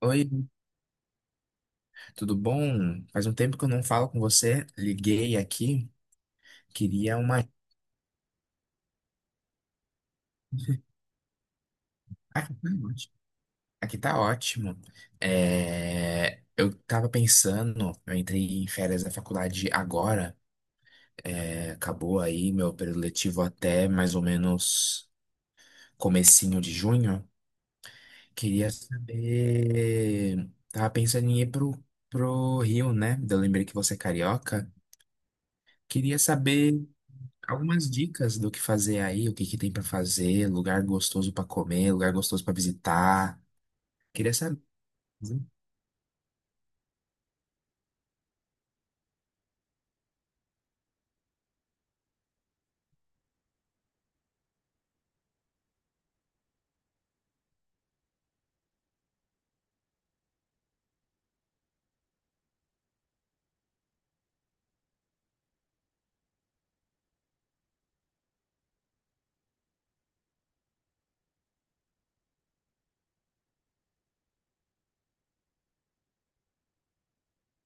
Oi, tudo bom? Faz um tempo que eu não falo com você. Liguei aqui, queria uma. Aqui tá ótimo. Aqui tá ótimo. Eu tava pensando, eu entrei em férias da faculdade agora. Acabou aí meu período letivo até mais ou menos comecinho de junho. Queria saber. Tava pensando em ir pro Rio, né? Eu lembrei que você é carioca. Queria saber algumas dicas do que fazer aí, o que que tem pra fazer, lugar gostoso pra comer, lugar gostoso pra visitar. Queria saber, viu?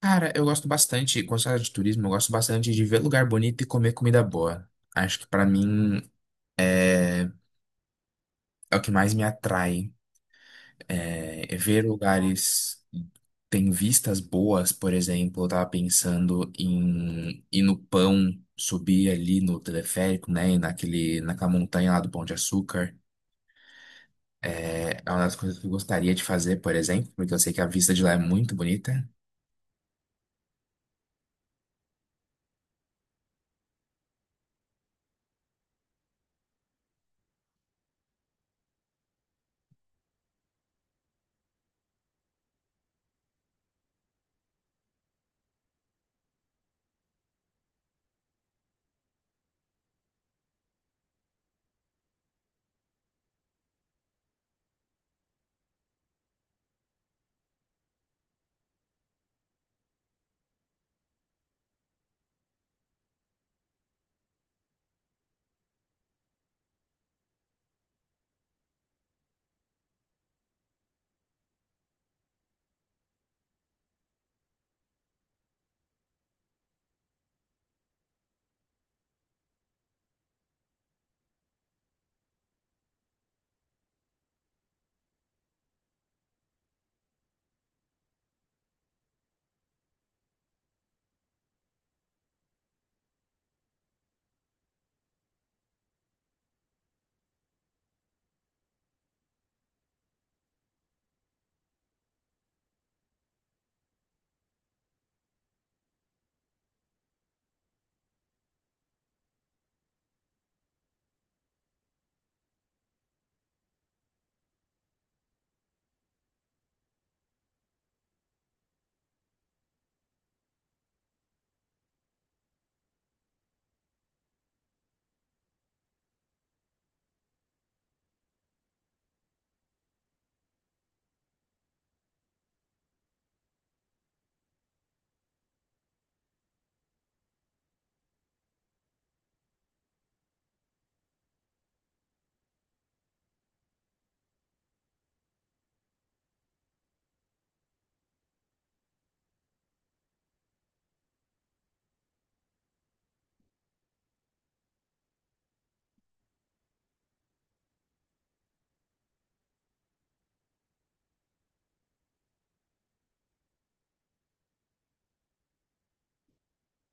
Cara, eu gosto bastante, quando se fala de turismo, eu gosto bastante de ver lugar bonito e comer comida boa. Acho que pra mim é, é o que mais me atrai. É ver lugares que têm vistas boas. Por exemplo, eu tava pensando em ir no Pão, subir ali no teleférico, né, naquela montanha lá do Pão de Açúcar. É uma das coisas que eu gostaria de fazer, por exemplo, porque eu sei que a vista de lá é muito bonita.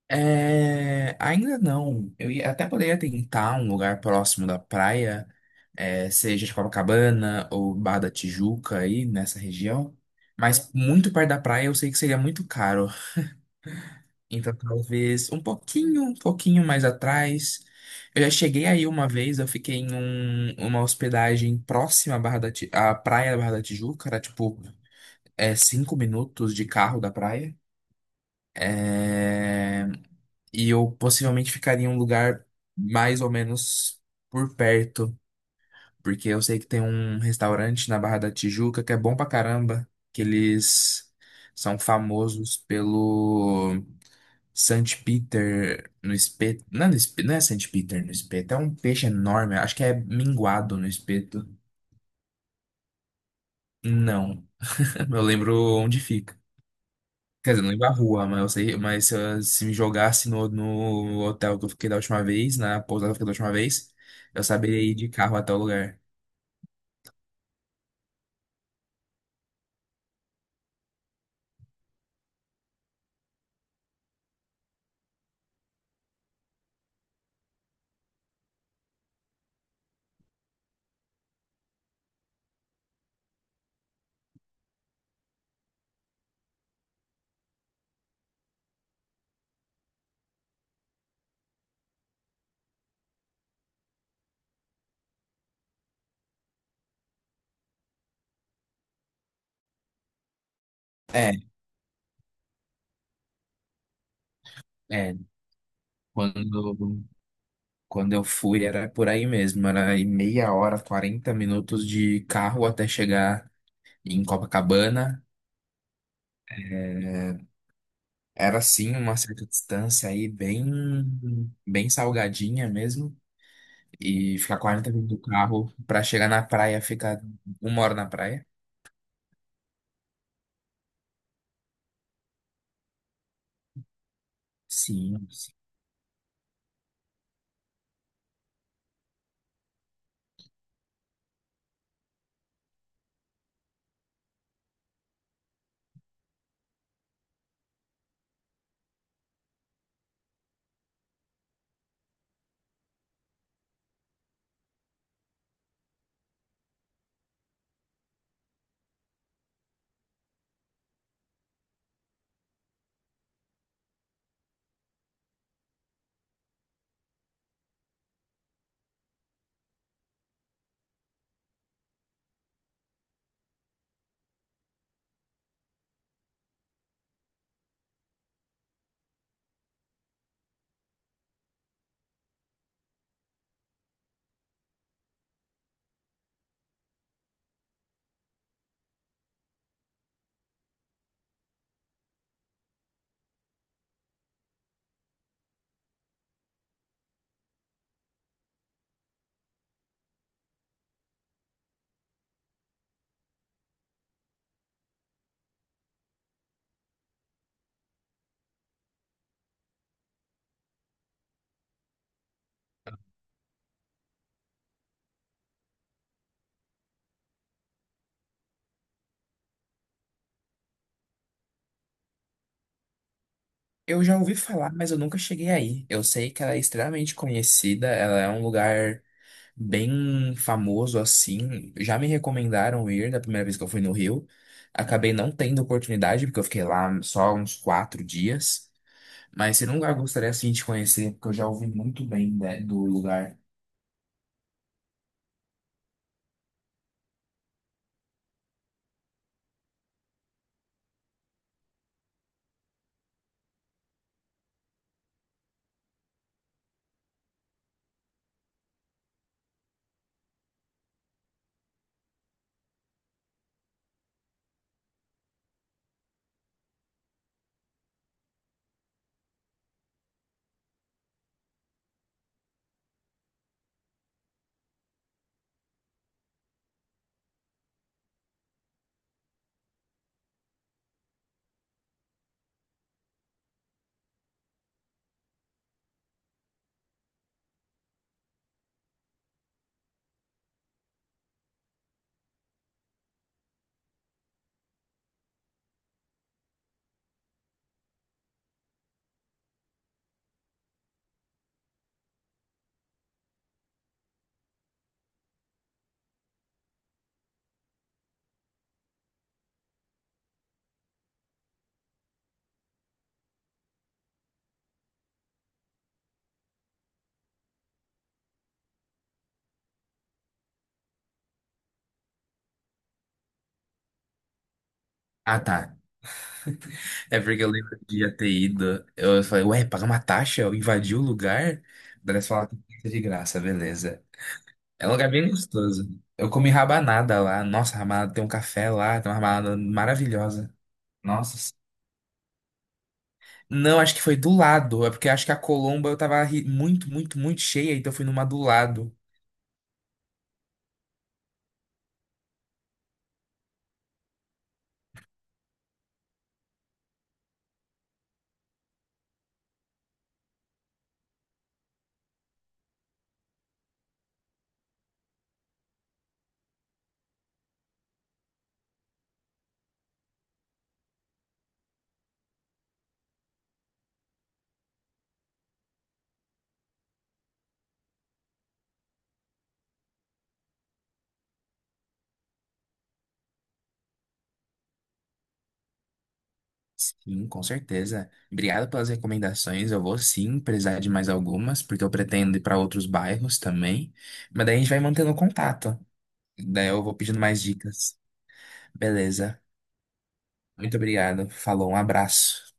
É, ainda não. Até poderia tentar um lugar próximo da praia, seja de Copacabana ou Barra da Tijuca aí nessa região. Mas muito perto da praia eu sei que seria muito caro. Então, talvez um pouquinho mais atrás. Eu já cheguei aí uma vez, eu fiquei uma hospedagem próxima à à praia da Barra da Tijuca, era tipo 5 minutos de carro da praia. É, e eu possivelmente ficaria em um lugar mais ou menos por perto, porque eu sei que tem um restaurante na Barra da Tijuca que é bom pra caramba, que eles são famosos pelo Saint Peter no espeto. Não, é no espeto, não é Saint Peter no espeto, é um peixe enorme. Acho que é minguado no espeto. Não. Eu lembro onde fica. Quer dizer, não lembro a rua, mas eu sei, mas se, eu- se me jogasse no, no hotel que eu fiquei da última vez, na pousada que eu fiquei da última vez, eu saberia ir de carro até o lugar. É, é. Quando, quando eu fui era por aí mesmo, era aí meia hora, 40 minutos de carro até chegar em Copacabana. É, Era sim uma certa distância aí, bem salgadinha mesmo. E ficar 40 minutos do carro pra chegar na praia, ficar 1 hora na praia. Sim, sim. Eu já ouvi falar, mas eu nunca cheguei aí. Eu sei que ela é extremamente conhecida, ela é um lugar bem famoso assim. Já me recomendaram ir da primeira vez que eu fui no Rio. Acabei não tendo oportunidade, porque eu fiquei lá só uns 4 dias. Mas se não lugar eu gostaria assim de conhecer, porque eu já ouvi muito bem, né, do lugar. Ah, tá. É porque eu lembro de já ter ido. Eu falei, ué, pagar uma taxa? Eu invadi o lugar? Daí eles falaram que é de graça, beleza. É um lugar bem gostoso. Eu comi rabanada lá. Nossa, rabanada tem um café lá, tem uma rabanada maravilhosa. Nossa. Não, acho que foi do lado. É porque acho que a Colomba eu tava muito, muito, muito cheia, então eu fui numa do lado. Sim, com certeza. Obrigado pelas recomendações. Eu vou sim precisar de mais algumas, porque eu pretendo ir para outros bairros também. Mas daí a gente vai mantendo contato. Daí eu vou pedindo mais dicas. Beleza. Muito obrigado. Falou, um abraço.